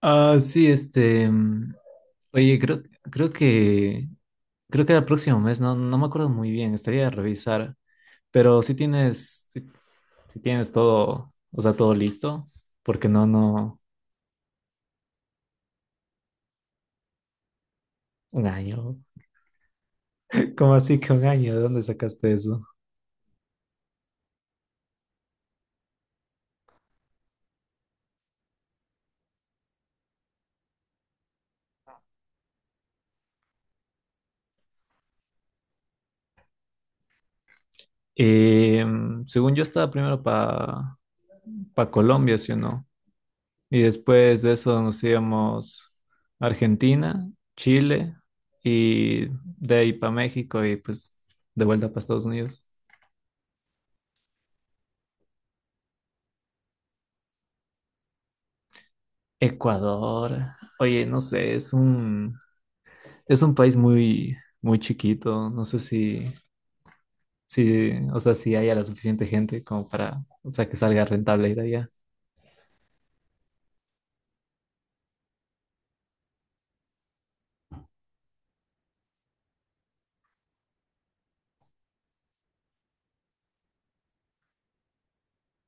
Ah, sí, este. Oye, creo que. Creo que era el próximo mes, no, no me acuerdo muy bien, estaría a revisar. Pero si tienes. Si, si tienes todo. O sea, todo listo. Porque no. Un año. ¿Cómo así que un año? ¿De dónde sacaste eso? Según yo estaba primero para pa Colombia, ¿sí o no? Y después de eso nos íbamos a Argentina, Chile y de ahí para México y pues de vuelta para Estados Unidos. Ecuador. Oye, no sé, es un país muy muy chiquito, no sé si o sea, si haya la suficiente gente como para, o sea, que salga rentable ir allá.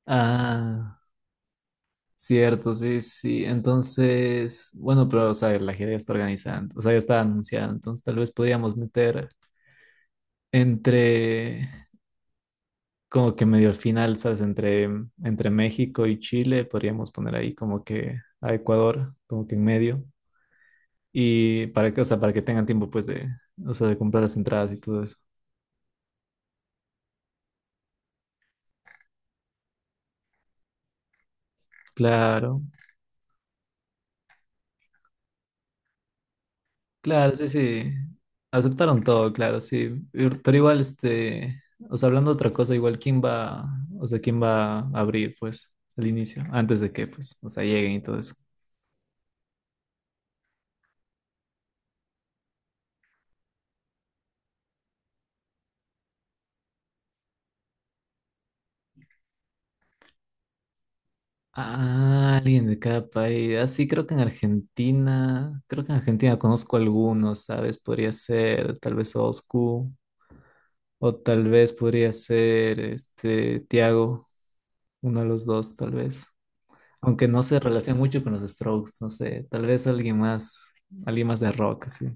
Ah, cierto, sí, sí. Entonces, bueno, pero o sea, la gira ya está organizada, o sea, ya está anunciada, entonces tal vez podríamos meter entre, como que medio al final, ¿sabes? Entre México y Chile, podríamos poner ahí como que a Ecuador, como que en medio. Y para que, o sea, para que tengan tiempo, pues, de, o sea, de comprar las entradas y todo eso. Claro, claro, sí, sí. Aceptaron todo, claro, sí. Pero igual, este, o sea, hablando de otra cosa, igual, ¿quién va, o sea, quién va a abrir, pues, al inicio, antes de que, pues, o sea, lleguen y todo eso? Ah, alguien de cada país. Así creo que en Argentina, creo que en Argentina conozco algunos, ¿sabes? Podría ser tal vez Oscu, o tal vez podría ser este Tiago, uno de los dos, tal vez. Aunque no se relaciona mucho con los Strokes, no sé, tal vez alguien más de rock, sí.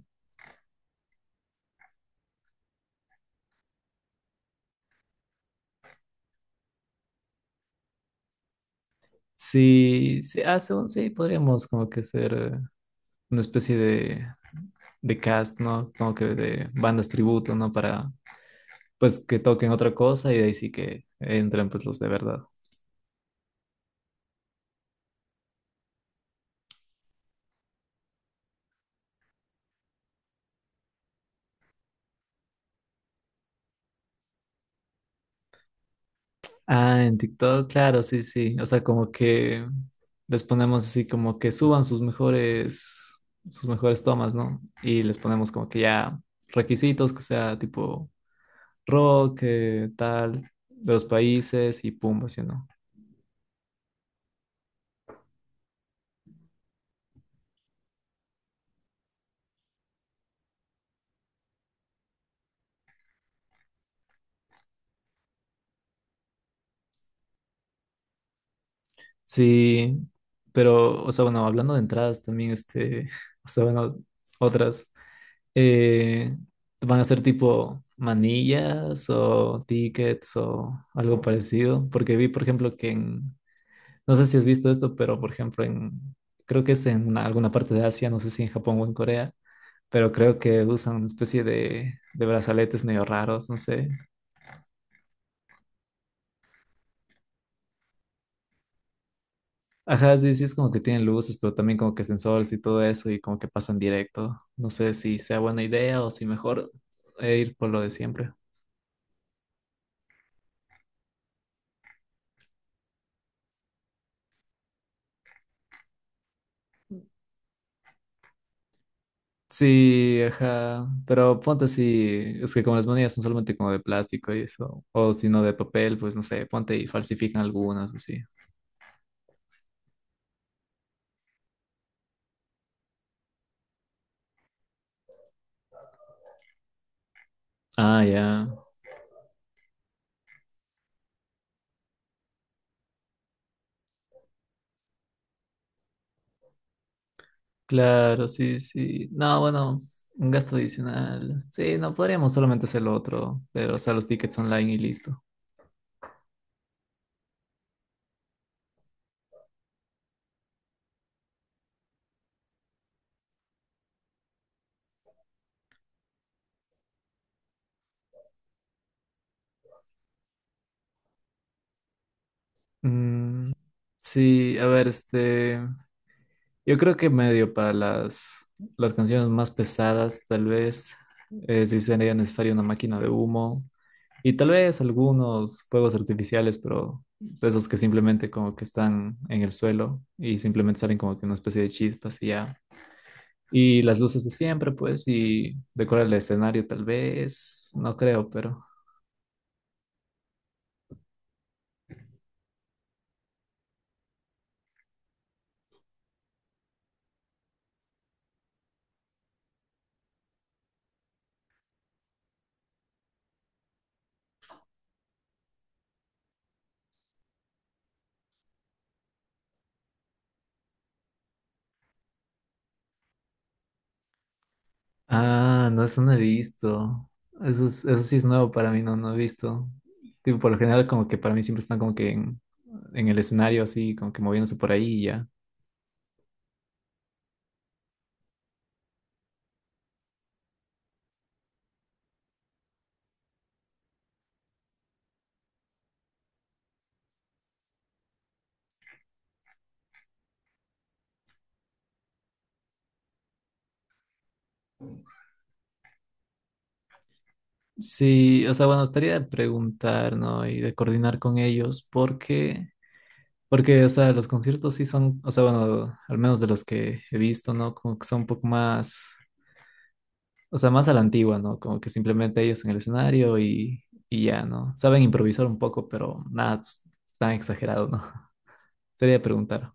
Sí, sí, ah, según sí, podríamos como que ser una especie de cast, ¿no? Como que de bandas tributo, ¿no? Para pues que toquen otra cosa y de ahí sí que entran pues los de verdad. Ah, en TikTok, claro, sí, sí. O sea, como que les ponemos así como que suban sus mejores tomas, ¿no? Y les ponemos como que ya requisitos, que sea tipo rock, tal, de los países y pum, así, ¿no? Sí, pero, o sea, bueno, hablando de entradas también, este, o sea, bueno, otras. Eh, van a ser tipo manillas o tickets o algo parecido, porque vi, por ejemplo, que en, no sé si has visto esto, pero por ejemplo, en, creo que es en alguna parte de Asia, no sé si en Japón o en Corea, pero creo que usan una especie de brazaletes medio raros, no sé. Ajá, sí, sí, es como que tienen luces, pero también como que sensores y todo eso y como que pasan directo. No sé si sea buena idea o si mejor ir por lo de siempre. Sí, ajá. Pero ponte así, es que como las monedas son solamente como de plástico y eso, o si no de papel, pues no sé, ponte y falsifican algunas o así. Ah, ya. Claro, sí, sí. No, bueno, un gasto adicional. Sí, no, podríamos solamente hacer lo otro, pero o sea, los tickets online y listo. Mm, sí, a ver, este, yo creo que medio para las canciones más pesadas, tal vez, sí sería necesaria una máquina de humo. Y tal vez algunos fuegos artificiales, pero de esos que simplemente como que están en el suelo y simplemente salen como que una especie de chispas y ya. Y las luces de siempre, pues, y decorar el escenario tal vez, no creo, pero... Ah, no, eso no he visto. Eso sí es nuevo para mí, no, no he visto. Tipo, por lo general como que para mí siempre están como que en el escenario así, como que moviéndose por ahí y ya. Sí, o sea, bueno, estaría de preguntar, ¿no? Y de coordinar con ellos, porque, o sea, los conciertos sí son, o sea, bueno, al menos de los que he visto, ¿no? Como que son un poco más, o sea, más a la antigua, ¿no? Como que simplemente ellos en el escenario y ya, ¿no? Saben improvisar un poco, pero nada es tan exagerado, ¿no? Sería preguntar.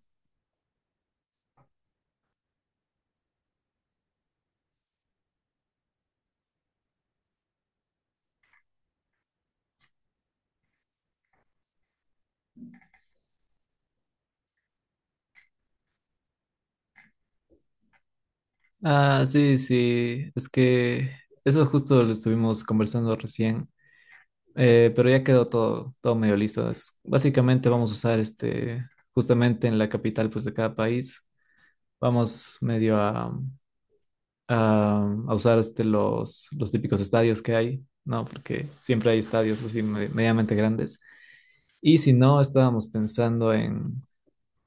Ah, sí, sí, es que eso justo lo estuvimos conversando recién, pero ya quedó todo, todo medio listo. Básicamente vamos a usar este, justamente en la capital, pues, de cada país, vamos medio a, a usar este, los típicos estadios que hay, ¿no? Porque siempre hay estadios así medianamente grandes. Y si no, estábamos pensando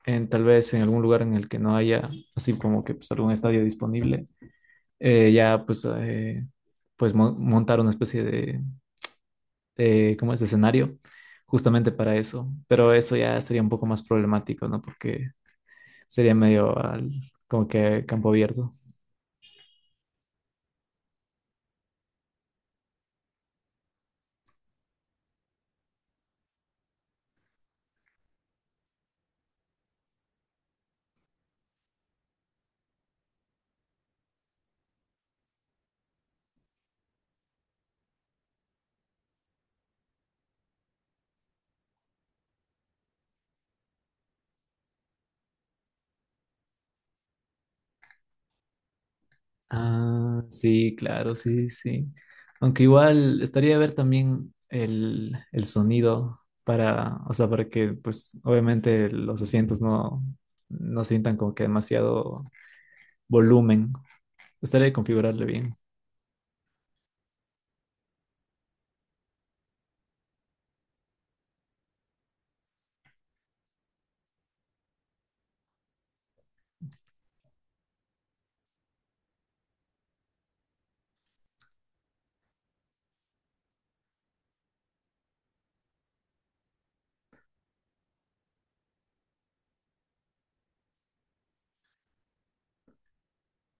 en tal vez en algún lugar en el que no haya así como que pues, algún estadio disponible, ya pues, pues montar una especie de, ¿cómo es? De escenario justamente para eso. Pero eso ya sería un poco más problemático, ¿no? Porque sería medio al, como que campo abierto. Ah, sí, claro, sí, sí. Aunque igual estaría ver también el sonido para, o sea, para que, pues, obviamente los asientos no, no sientan como que demasiado volumen. Estaría de configurarle bien.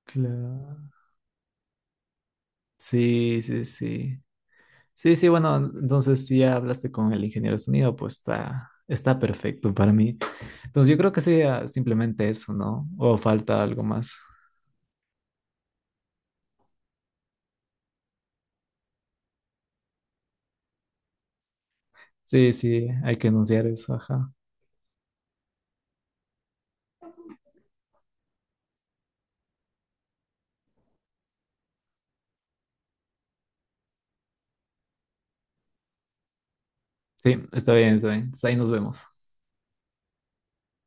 Claro. Sí, sí, sí. Sí, sí, bueno, entonces si ya hablaste con el ingeniero de sonido, pues está, está perfecto para mí. Entonces yo creo que sería simplemente eso, ¿no? O falta algo más. Sí, sí, hay que anunciar eso, ajá. Sí, está bien, está bien. Entonces ahí nos vemos.